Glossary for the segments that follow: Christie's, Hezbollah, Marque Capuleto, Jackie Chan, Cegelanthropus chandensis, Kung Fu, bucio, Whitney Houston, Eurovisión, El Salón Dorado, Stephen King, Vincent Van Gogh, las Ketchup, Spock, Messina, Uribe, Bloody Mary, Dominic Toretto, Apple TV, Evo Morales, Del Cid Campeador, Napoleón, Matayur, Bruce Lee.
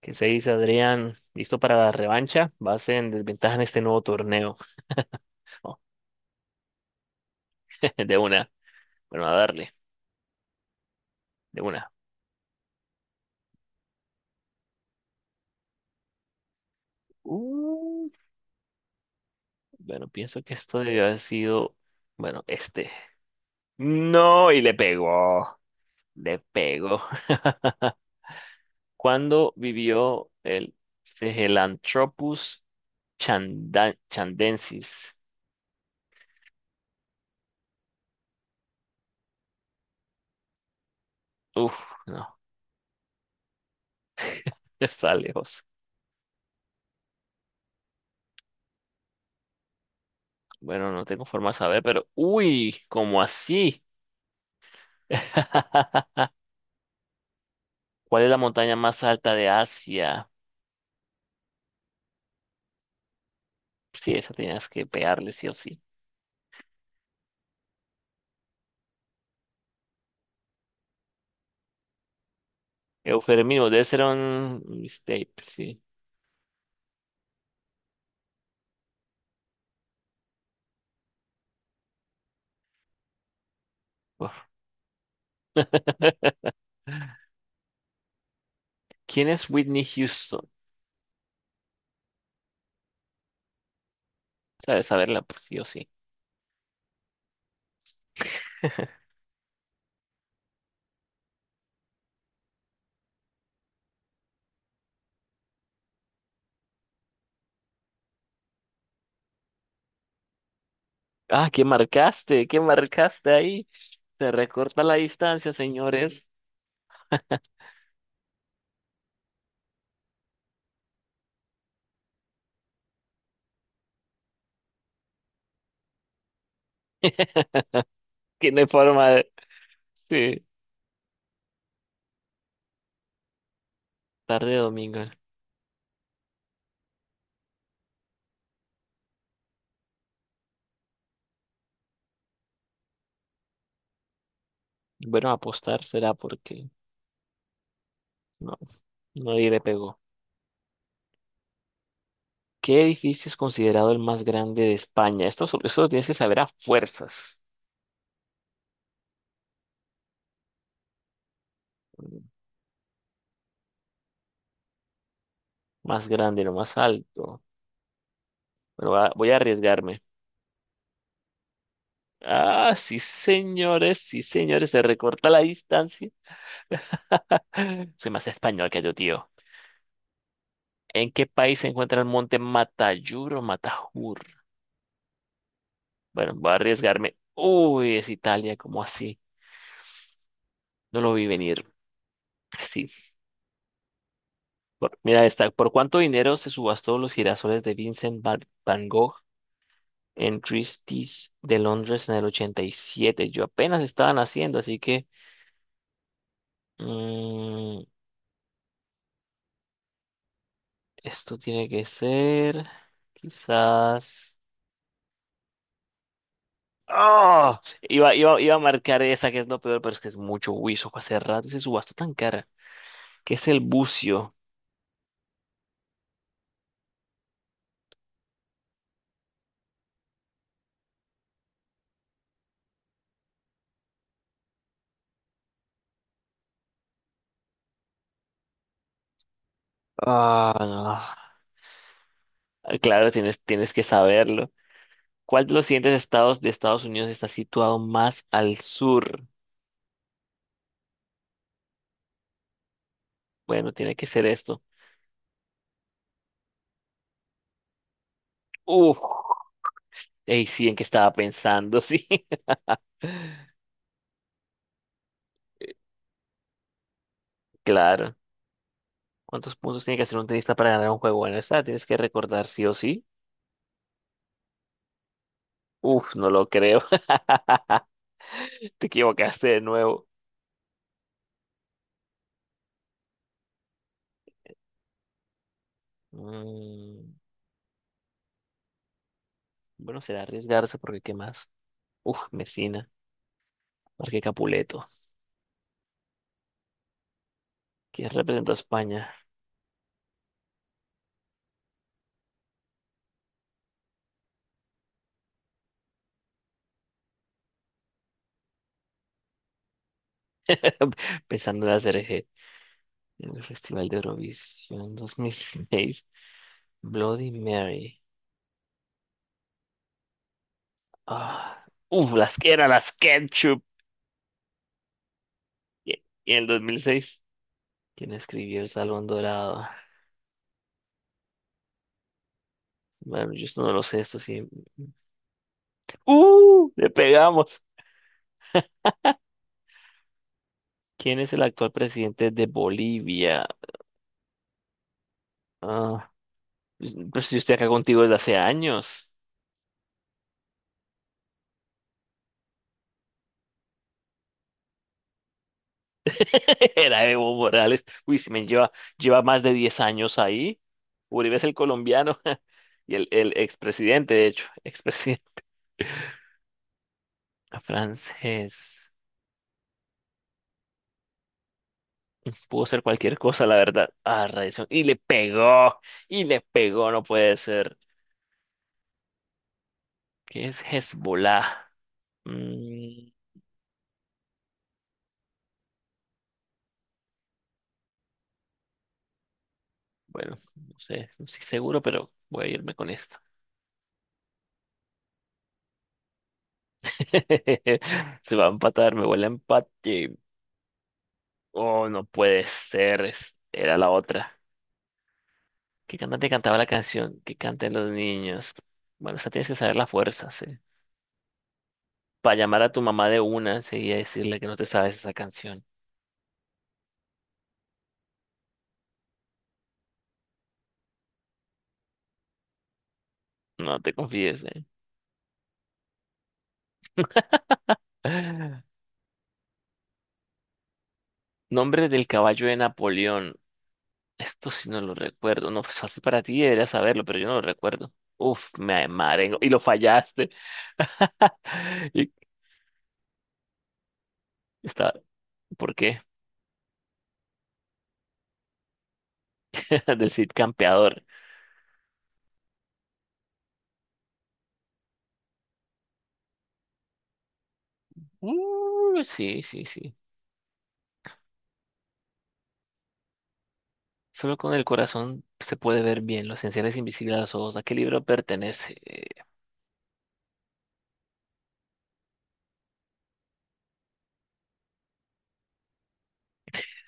¿Qué se dice, Adrián? ¿Listo para la revancha? Vas en desventaja en este nuevo torneo. De una. Bueno, a darle. De una. Uh, bueno, pienso que esto debió haber sido. Bueno, este. No, y le pegó. Le pegó. ¿Cuándo vivió el Cegelanthropus chandensis? Uf, no, está lejos. Bueno, no tengo forma de saber, pero. Uy, ¿cómo así? ¿Cuál es la montaña más alta de Asia? Sí, esa tenías que pegarle sí o sí. Eufemismo, debe ser un mistake, sí. Uf. ¿Quién es Whitney Houston? Sabes saberla, pues, sí o sí. Ah, ¿qué marcaste? ¿Qué marcaste ahí? Se recorta la distancia, señores. Que no hay forma de... Sí, tarde de domingo. Bueno, apostar será porque no, nadie le pegó. ¿Qué edificio es considerado el más grande de España? Esto, esto lo tienes que saber a fuerzas. Más grande, lo más alto. Bueno, voy a arriesgarme. Ah, sí, señores, se recorta la distancia. Soy más español que yo, tío. ¿En qué país se encuentra el monte Matayur o Matajur? Bueno, voy a arriesgarme. Uy, es Italia, ¿cómo así? No lo vi venir. Sí. Mira esta. ¿Por cuánto dinero se subastó los girasoles de Van Gogh en Christie's de Londres en el 87? Yo apenas estaba naciendo, así que... mm, esto tiene que ser. Quizás. ¡Oh! Iba a marcar esa que es lo peor, pero es que es mucho Wiso. Hace rato y se subastó tan cara. ¿Qué es el bucio? Ah, no. Ah, claro, tienes, tienes que saberlo. ¿Cuál de los siguientes estados de Estados Unidos está situado más al sur? Bueno, tiene que ser esto. Uf. Ey, sí, ¿en qué estaba pensando? Sí. Claro. ¿Cuántos puntos tiene que hacer un tenista para ganar un juego? Bueno, esta la tienes que recordar sí o sí. Uf, no lo creo. Te equivocaste de nuevo. Mm, bueno, será arriesgarse porque ¿qué más? Uf, Messina, marque Capuleto, quien representó a España pensando en hacer eje en el Festival de Eurovisión 2006. Bloody Mary. Ah, uf, las que era las Ketchup. Y, y en el 2006, ¿quién escribió El Salón Dorado? Bueno, yo esto no lo sé, esto sí. ¡Uh! Le pegamos. ¿Quién es el actual presidente de Bolivia? Ah, pues yo estoy acá contigo desde hace años. Era Evo Morales. Uy, si me lleva, lleva más de 10 años ahí. Uribe es el colombiano y el expresidente, de hecho, expresidente francés. Pudo ser cualquier cosa, la verdad. Ah, radiación. Y le pegó, no puede ser. ¿Qué es Hezbollah? Mm, bueno, no sé, no estoy seguro, pero voy a irme con esto. Se va a empatar, me huele a empate. Oh, no puede ser. Era la otra. ¿Qué cantante cantaba la canción que canten los niños? Bueno, esa tienes que saber la fuerza, sí. Para llamar a tu mamá de una, sí, y decirle que no te sabes esa canción. No te confíes, eh. Nombre del caballo de Napoleón. Esto sí no lo recuerdo. No, pues fácil, para ti deberías saberlo, pero yo no lo recuerdo. Uf, me marengo. Y lo fallaste. Y está, ¿por qué? Del Cid Campeador. Sí, sí, sí. Solo con el corazón se puede ver bien los esenciales invisibles a los ojos. ¿A qué libro pertenece?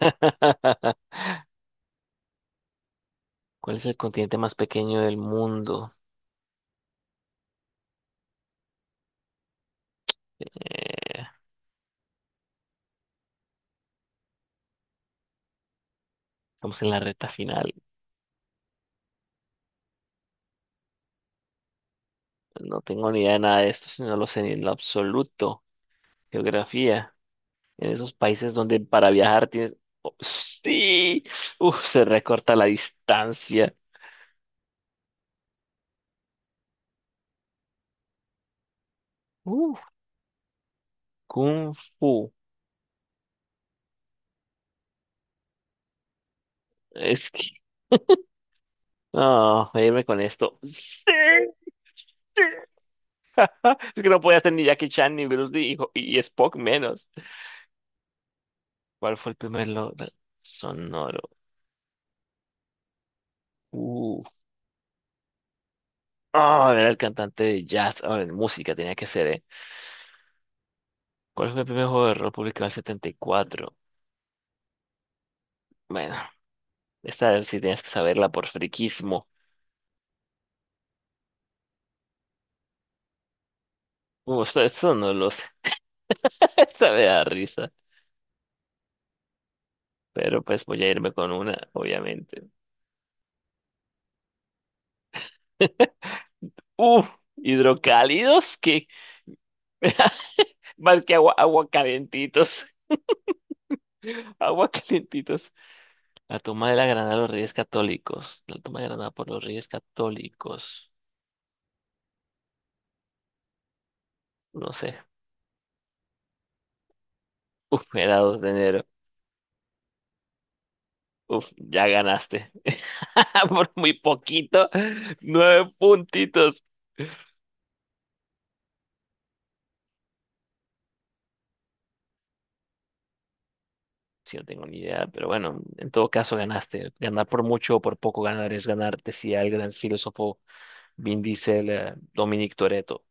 ¿cuál es el continente más pequeño del mundo? Eh, estamos en la recta final. No tengo ni idea de nada de esto, si no lo sé ni en lo absoluto. Geografía. En esos países donde para viajar tienes... Oh, ¡sí! Uf, se recorta la distancia. Uf, Kung Fu. Es que... No, voy a irme con esto. ¡Sí! ¡Sí! Es que no podía ser ni Jackie Chan, ni Bruce Lee, y, y Spock menos. ¿Cuál fue el primer logro sonoro? Uh. Ah, era el cantante de jazz, o en música tenía que ser, ¿eh? ¿Cuál fue el primer juego de rol publicado en el 74? Bueno, esta sí tienes que saberla por friquismo. Esto, esto no lo sé. Esta me da risa. Pero pues voy a irme con una, obviamente. Uh, hidrocálidos, que, mal que agua, agua calentitos. Agua calentitos. La toma de la Granada de los Reyes Católicos. La toma de Granada por los Reyes Católicos. No sé. Uf, era 2 de enero. Uf, ya ganaste. Por muy poquito. Nueve puntitos. Sí, no tengo ni idea, pero bueno, en todo caso ganaste. Ganar por mucho o por poco ganar es ganar, decía el gran filósofo Vin Diesel, Dominic Toretto.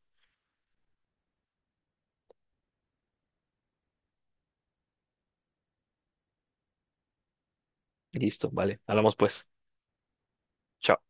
Listo, vale. Hablamos pues. Chao.